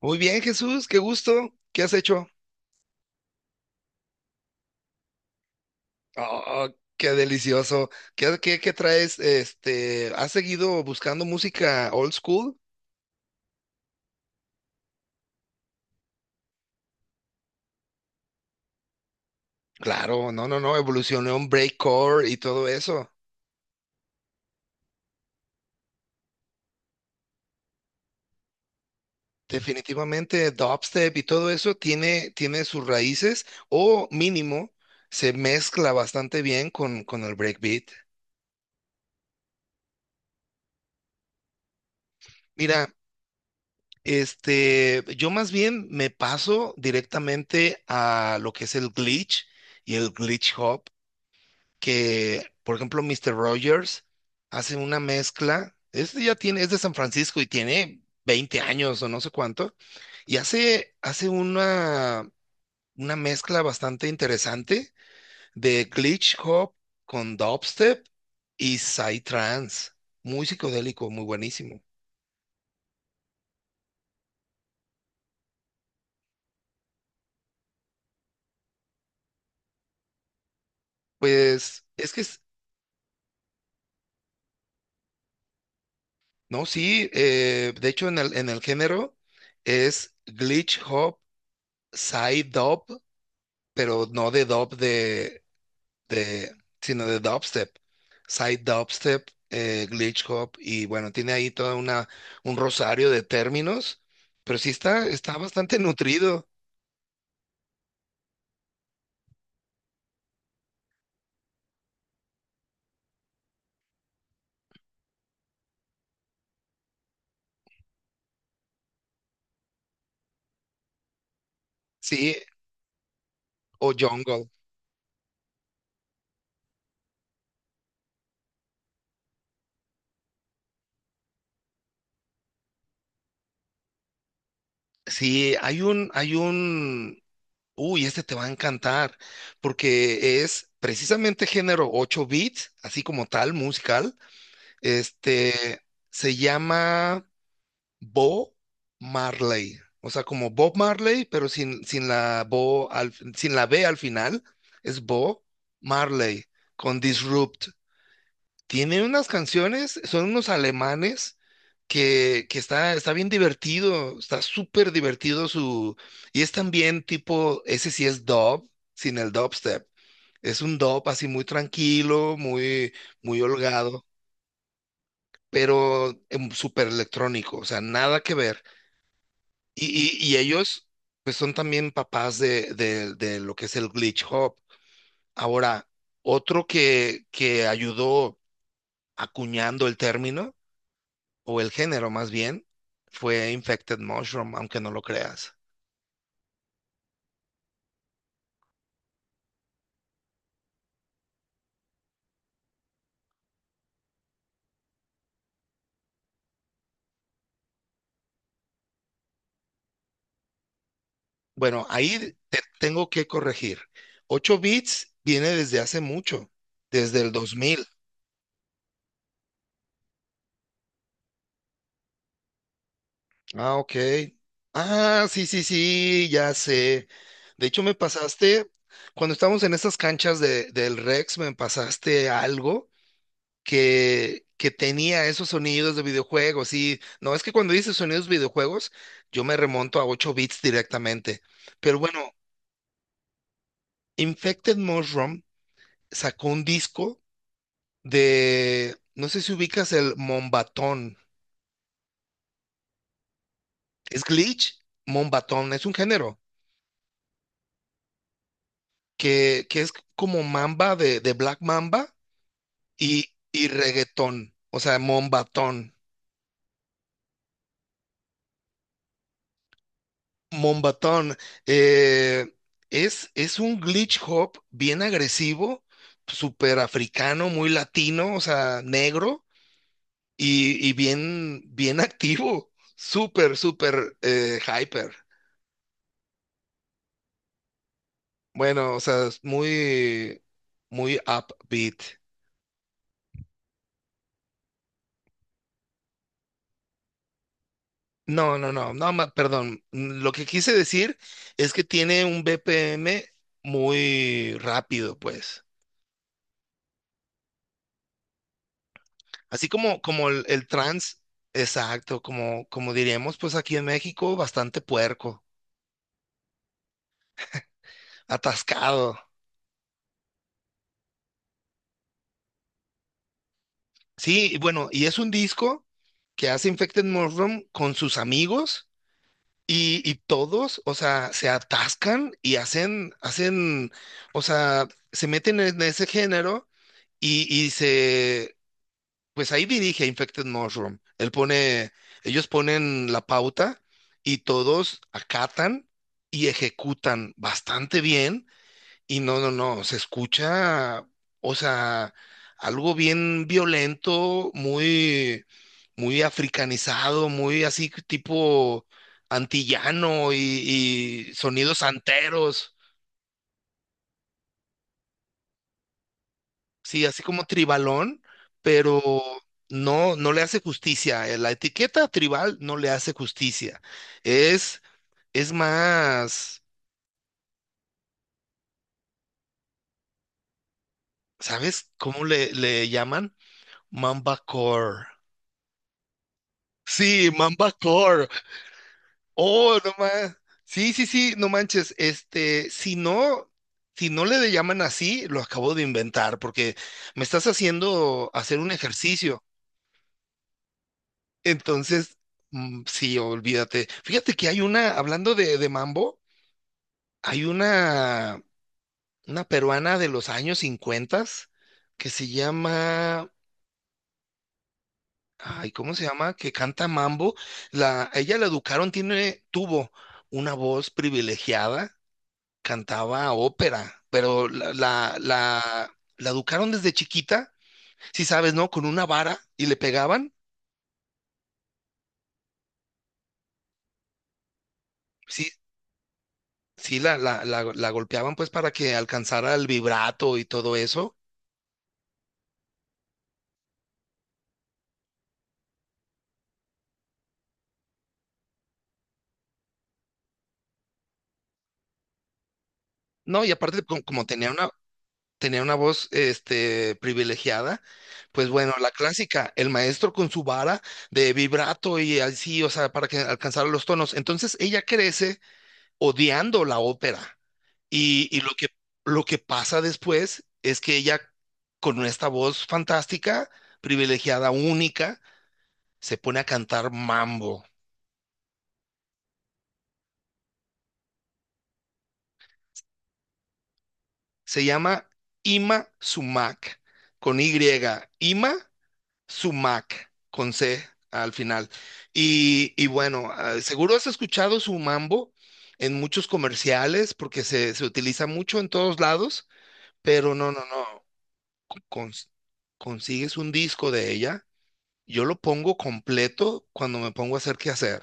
Muy bien, Jesús, qué gusto. ¿Qué has hecho? Oh, qué delicioso. ¿Qué traes? Este, ¿has seguido buscando música old school? Claro, no, no, no, evolucionó en breakcore y todo eso. Definitivamente dubstep y todo eso tiene sus raíces o mínimo se mezcla bastante bien con el breakbeat. Mira, este, yo más bien me paso directamente a lo que es el glitch y el glitch hop. Que, por ejemplo, Mr. Rogers hace una mezcla, este ya tiene, es de San Francisco y tiene 20 años o no sé cuánto, y hace una mezcla bastante interesante de glitch hop con dubstep y psytrance, muy psicodélico, muy buenísimo. Pues es que, no, sí, de hecho en el género es glitch hop, psy dub, pero no de dub de, sino de dubstep, side dubstep, glitch hop y bueno, tiene ahí toda una un rosario de términos, pero sí está bastante nutrido, sí, o jungle. Sí, hay un este te va a encantar porque es precisamente género 8 bits, así como tal musical, este se llama Bo Marley. O sea, como Bob Marley, pero sin, sin la sin la B al final. Es Bo Marley con Disrupt. Tiene unas canciones, son unos alemanes que está, está bien divertido, está súper divertido su... Y es también tipo, ese sí es dub, sin el dubstep. Es un dub así muy tranquilo, muy, muy holgado, pero súper electrónico, o sea, nada que ver. Y, y ellos, pues son también papás de, de lo que es el glitch hop. Ahora, otro que ayudó acuñando el término, o el género más bien, fue Infected Mushroom, aunque no lo creas. Bueno, ahí te tengo que corregir. 8 bits viene desde hace mucho, desde el dos mil. Ah, ok. Ah, sí, sí, sí, ya sé. De hecho, me pasaste, cuando estábamos en estas canchas de, del Rex, me pasaste algo que tenía esos sonidos de videojuegos. Sí, no, es que cuando dices sonidos videojuegos, yo me remonto a 8 bits directamente. Pero bueno, Infected Mushroom sacó un disco de, no sé si ubicas el Mombatón. ¿Es glitch? Mombatón, es un género. Que es como Mamba de Black Mamba y, y reggaetón, o sea, Mombatón. Mombatón eh, es un glitch hop bien agresivo, súper africano, muy latino, o sea, negro y bien, bien activo, súper, súper hyper. Bueno, o sea, es muy, muy upbeat. No, no, no, no, perdón. Lo que quise decir es que tiene un BPM muy rápido, pues. Así como, como el trans, exacto, como, como diríamos, pues aquí en México, bastante puerco, atascado. Sí, y bueno, y es un disco que hace Infected Mushroom con sus amigos y todos, o sea, se atascan y hacen, hacen, o sea, se meten en ese género y, y se. Pues ahí dirige Infected Mushroom. Él pone, ellos ponen la pauta y todos acatan y ejecutan bastante bien. Y no, no, no, se escucha, o sea, algo bien violento, muy, muy africanizado, muy así tipo antillano y sonidos anteros. Sí, así como tribalón, pero no, no le hace justicia. La etiqueta tribal no le hace justicia. Es, es más, ¿sabes cómo le llaman? Mambacore. Sí, Mambacore. Oh, no más. Sí, sí, sí, no manches. Este, si no, si no le llaman así, lo acabo de inventar, porque me estás haciendo hacer un ejercicio. Entonces, sí, olvídate. Fíjate que hay una, hablando de mambo, hay una peruana de los años 50 que se llama, ay, ¿cómo se llama? Que canta mambo. La, a ella la educaron, tiene, tuvo una voz privilegiada, cantaba ópera, pero la educaron desde chiquita, si sabes, ¿no? Con una vara y le pegaban. Sí, sí la golpeaban pues para que alcanzara el vibrato y todo eso. No, y aparte como, tenía una voz este, privilegiada, pues bueno, la clásica, el maestro con su vara de vibrato y así, o sea, para que alcanzara los tonos. Entonces ella crece odiando la ópera. Y lo que pasa después es que ella, con esta voz fantástica, privilegiada, única, se pone a cantar mambo. Se llama Ima Sumac, con Y, Ima Sumac, con C al final. Y bueno, ah, seguro has escuchado su mambo en muchos comerciales porque se utiliza mucho en todos lados, pero no, no, no. cons- Consigues un disco de ella, yo lo pongo completo cuando me pongo a hacer qué hacer.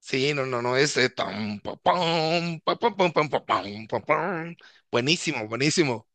Sí, no, no, no, es... tam, pa, pam, pam, pam, pa, pam, pa, pam. Buenísimo, buenísimo.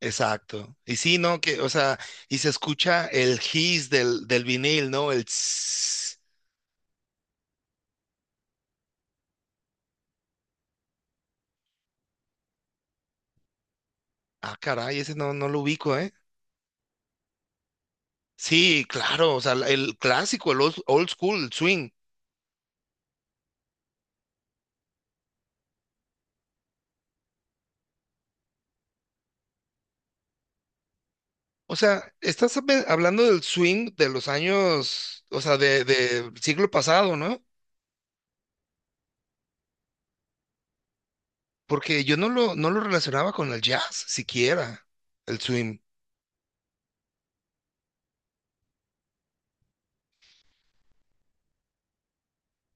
Exacto. Y sí, ¿no? Que, o sea, y se escucha el hiss del vinil, ¿no? El tss. Ah, caray, ese no, no lo ubico, ¿eh? Sí, claro, o sea, el clásico, el old, old school, el swing. O sea, estás hablando del swing de los años, o sea, de siglo pasado, ¿no? Porque yo no lo, no lo relacionaba con el jazz, siquiera, el swing.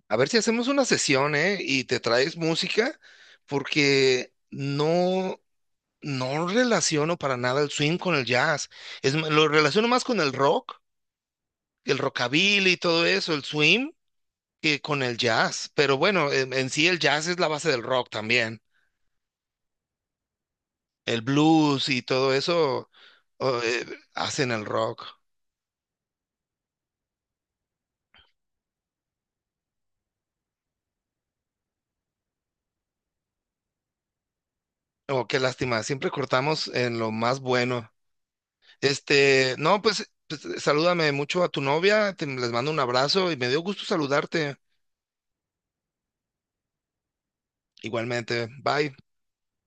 A ver si hacemos una sesión, ¿eh? Y te traes música, porque no. No relaciono para nada el swing con el jazz. Es, lo relaciono más con el rock, el rockabilly y todo eso, el swing, que con el jazz. Pero bueno, en sí el jazz es la base del rock también. El blues y todo eso o, hacen el rock. Oh, qué lástima, siempre cortamos en lo más bueno. Este, no, pues, pues, salúdame mucho a tu novia, les mando un abrazo y me dio gusto saludarte. Igualmente, bye.